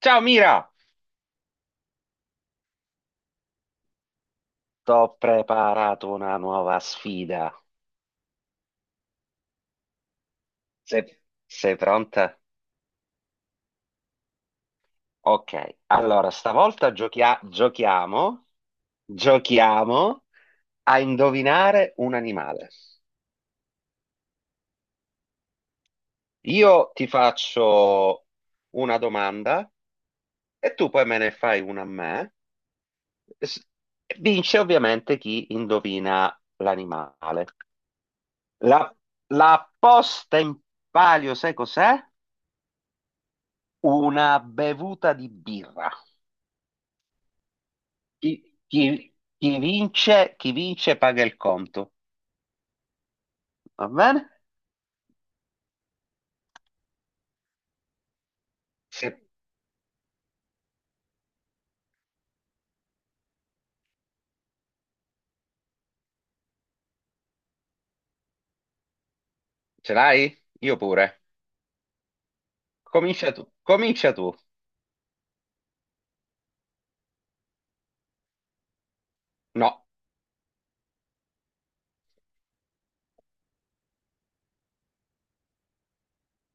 Ciao Mira. T'ho preparato una nuova sfida. Sei pronta? Ok, allora stavolta giochiamo a indovinare un animale. Io ti faccio una domanda e tu poi me ne fai una a me. S- Vince ovviamente chi indovina l'animale. La, la posta in palio, sai cos'è? Una bevuta di birra. Chi, chi- chi vince paga il conto. Va bene? Se Ce l'hai? Io pure. Comincia tu. Comincia tu. No.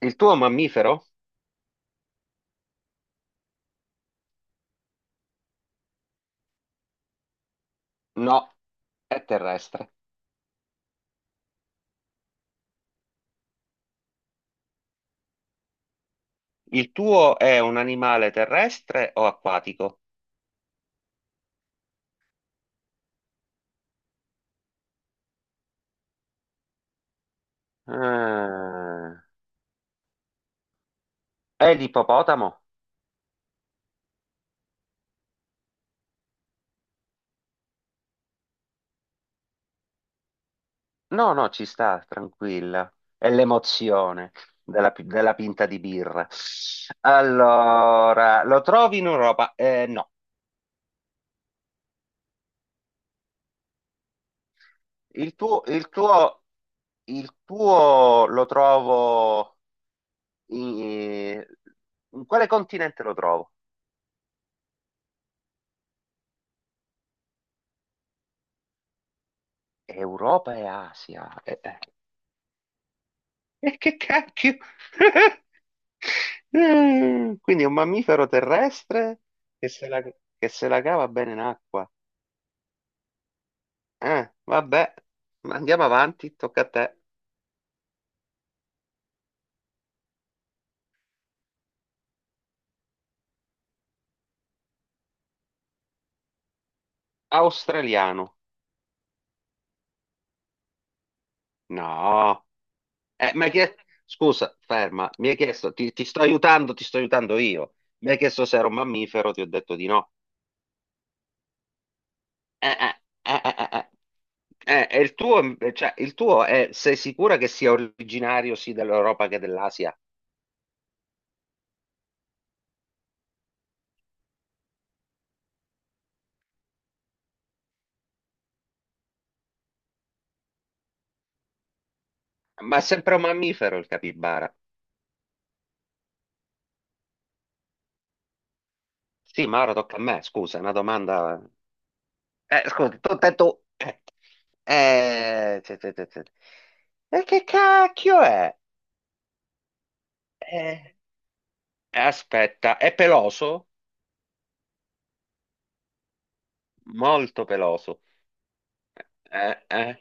Il tuo è un mammifero? No. È terrestre. Il tuo è un animale terrestre o acquatico? Ah. È l'ippopotamo? No, no, ci sta, tranquilla. È l'emozione della pinta di birra. Allora, lo trovi in Europa? No. Il tuo, il tuo, il tuo lo trovo in, in quale continente lo trovo? Europa e Asia. E che cacchio? Quindi è un mammifero terrestre che se la cava bene in acqua. Vabbè, ma andiamo avanti, tocca a te. Australiano. No. Mi hai chiesto... Scusa, ferma, mi hai chiesto, ti sto aiutando, ti sto aiutando io. Mi hai chiesto se era un mammifero, ti ho detto di no. Eh, eh, eh, eh, eh, eh. E il tuo, cioè, il tuo è, sei sicura che sia originario sì dell'Europa che dell'Asia? Ma è sempre un mammifero il capibara. Sì, ma ora tocca a me, scusa, è una domanda... Scusa, tu. Eh, te- te- te- te. E che cacchio è? Eh, Aspetta, è peloso? Molto peloso. Eh, eh.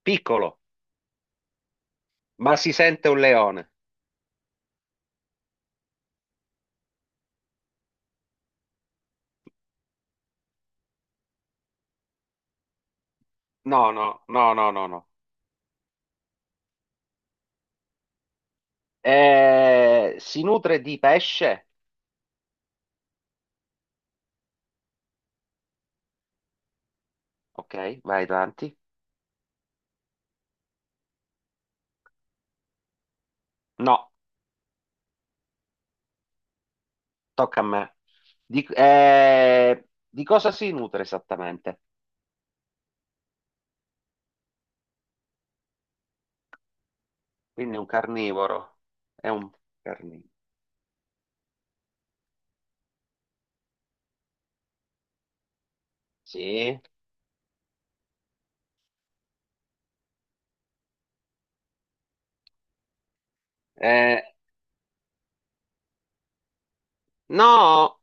Piccolo, ma si sente un leone. No, no, no, no, no, no. Si nutre di pesce? Ok, vai avanti. No, tocca a me. Di cosa si nutre esattamente? Quindi è un carnivoro. È un carnivoro. Sì. Eh, no,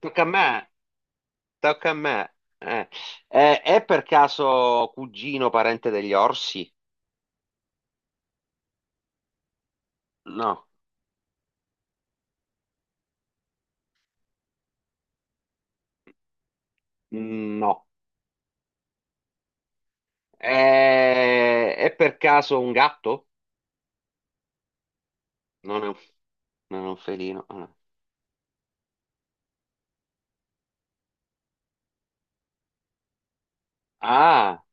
tocca a me. Tocca a me. È per caso cugino parente degli orsi? No. Mm, no. È per caso un gatto? Non è un, non è un felino. Ah, no. Ah,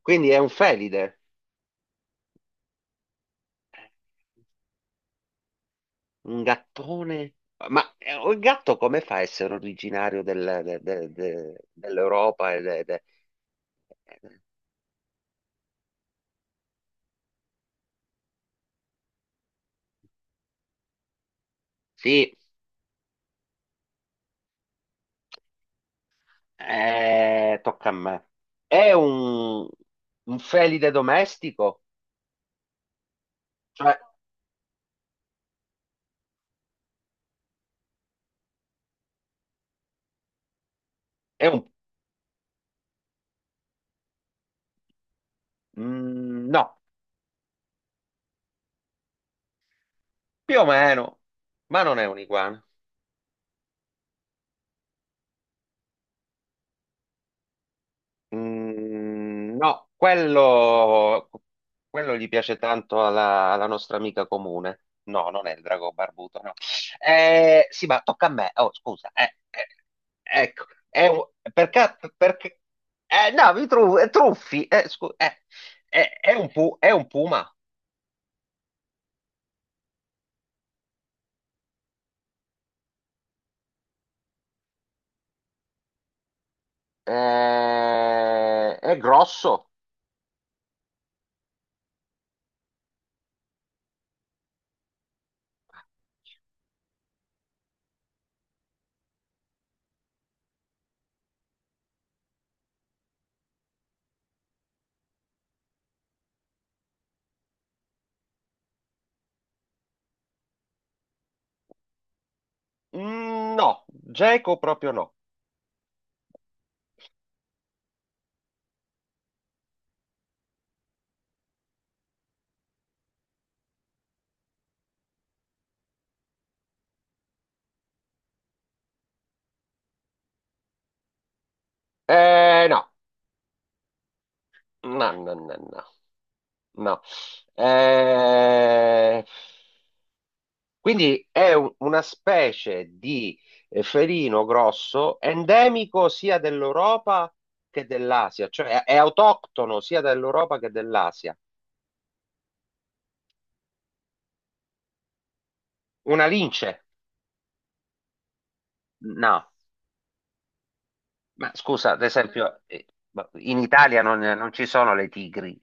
quindi è un felide. Un gattone? Ma il gatto come fa a essere originario dell'Europa? Sì, tocca a me. È un felide domestico? Cioè, è un... no, più o meno, ma non è un iguana. No, quello gli piace tanto alla nostra amica comune. No, non è il drago barbuto, no. Sì, ma tocca a me. Oh, scusa. Ecco, perché. No, mi truffi. È un puma. È grosso. No, geco proprio no. No, no, no, no. No. No. Eh, quindi è una specie di felino grosso endemico sia dell'Europa che dell'Asia, cioè è autoctono sia dell'Europa che dell'Asia. Una lince? No. Ma scusa, ad esempio, ma in Italia non ci sono le tigri.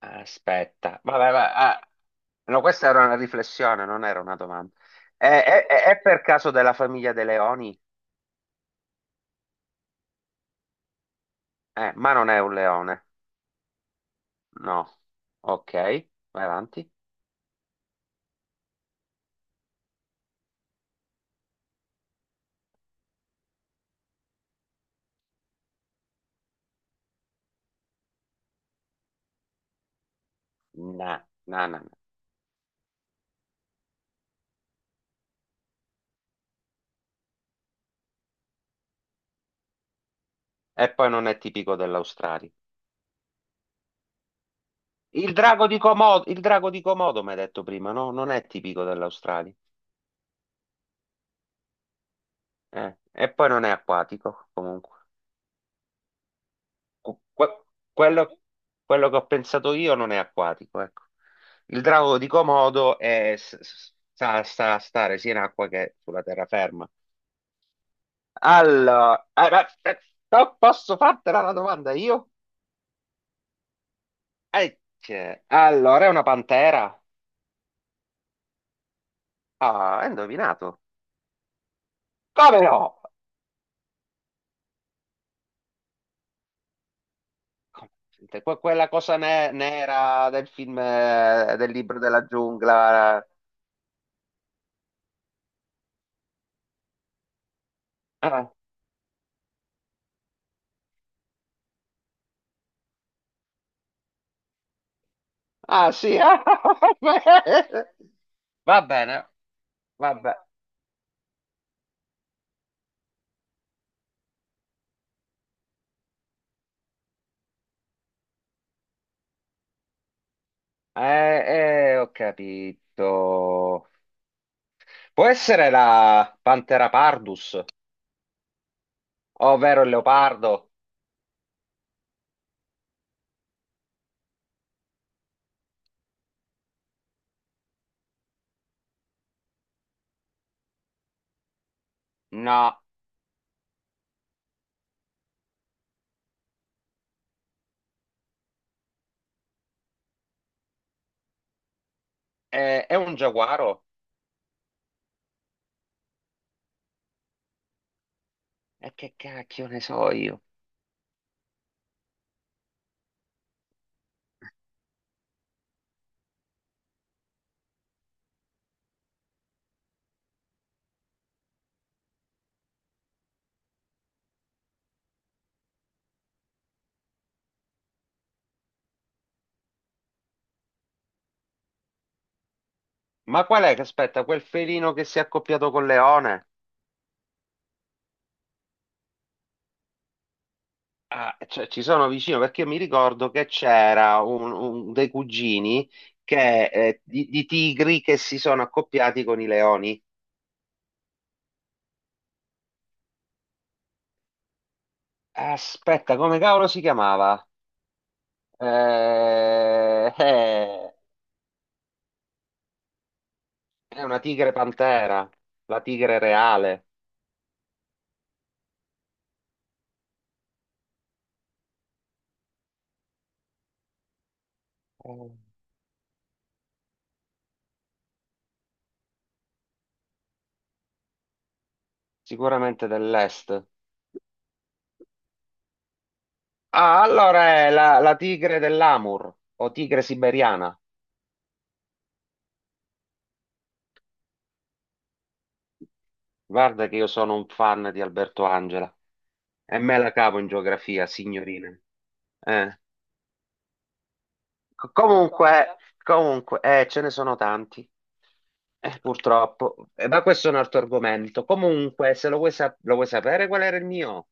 Aspetta, vabbè, no, questa era una riflessione, non era una domanda. È per caso della famiglia dei leoni? Ma non è un leone. No. Ok, vai avanti. No, no, no, no. E poi non è tipico dell'Australia. Il drago di Comodo, il drago di Comodo, mi hai detto prima, no? Non è tipico dell'Australia. E poi non è acquatico, comunque. Cu- que- quello, quello che ho pensato io non è acquatico, ecco. Il drago di Comodo è, s- s- sa, sa stare sia in acqua che sulla terraferma. Allora, no, posso fartela la domanda io? Ecce. Allora, è una pantera. Ah, hai indovinato. Come no? Sente, Quella cosa nera del film, del libro della giungla. Ah, ah, sì. Va bene, va bene. Ho capito. Può essere la Pantera pardus, ovvero il leopardo? No, è un giaguaro. E che cacchio ne so io? Ma qual è che aspetta? Quel felino che si è accoppiato col leone? Ah, cioè, ci sono vicino perché io mi ricordo che c'era dei cugini che, di tigri che si sono accoppiati con i leoni. Aspetta, come cavolo si chiamava? Eh, eh, è una tigre pantera, la tigre reale. Oh. Sicuramente dell'est. Ah, allora è la tigre dell'Amur o tigre siberiana. Guarda che io sono un fan di Alberto Angela e me la cavo in geografia, signorina. Eh, co- Comunque, comunque, ce ne sono tanti, purtroppo. Ma questo è un altro argomento. Comunque, se lo vuoi, lo vuoi sapere qual era il mio.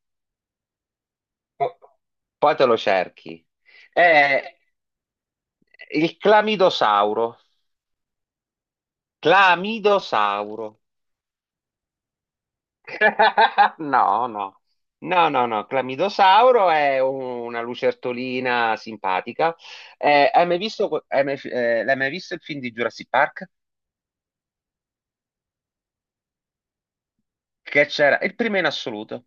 Po- Poi te lo cerchi. Eh, il clamidosauro. Clamidosauro. No, no, no, no, no. Clamidosauro è una lucertolina simpatica. Hai mai visto, que- hai mai- l'hai mai visto il film di Jurassic Park? Che c'era, il primo in assoluto.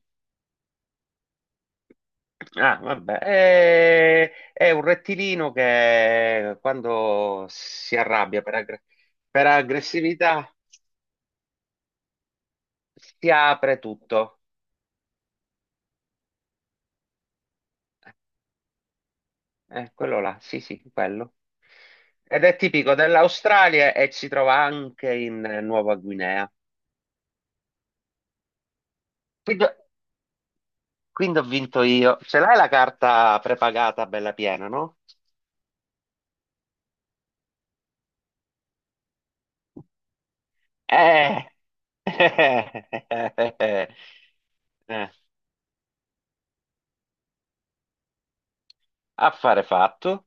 Ah, vabbè, è un rettilino che quando si arrabbia per aggressività si apre tutto. Quello là, sì, sì, quello. Ed è tipico dell'Australia e si trova anche in Nuova Guinea. Quindi ho vinto io. Ce l'hai la carta prepagata bella piena, no? Eh. Eh. Affare fatto.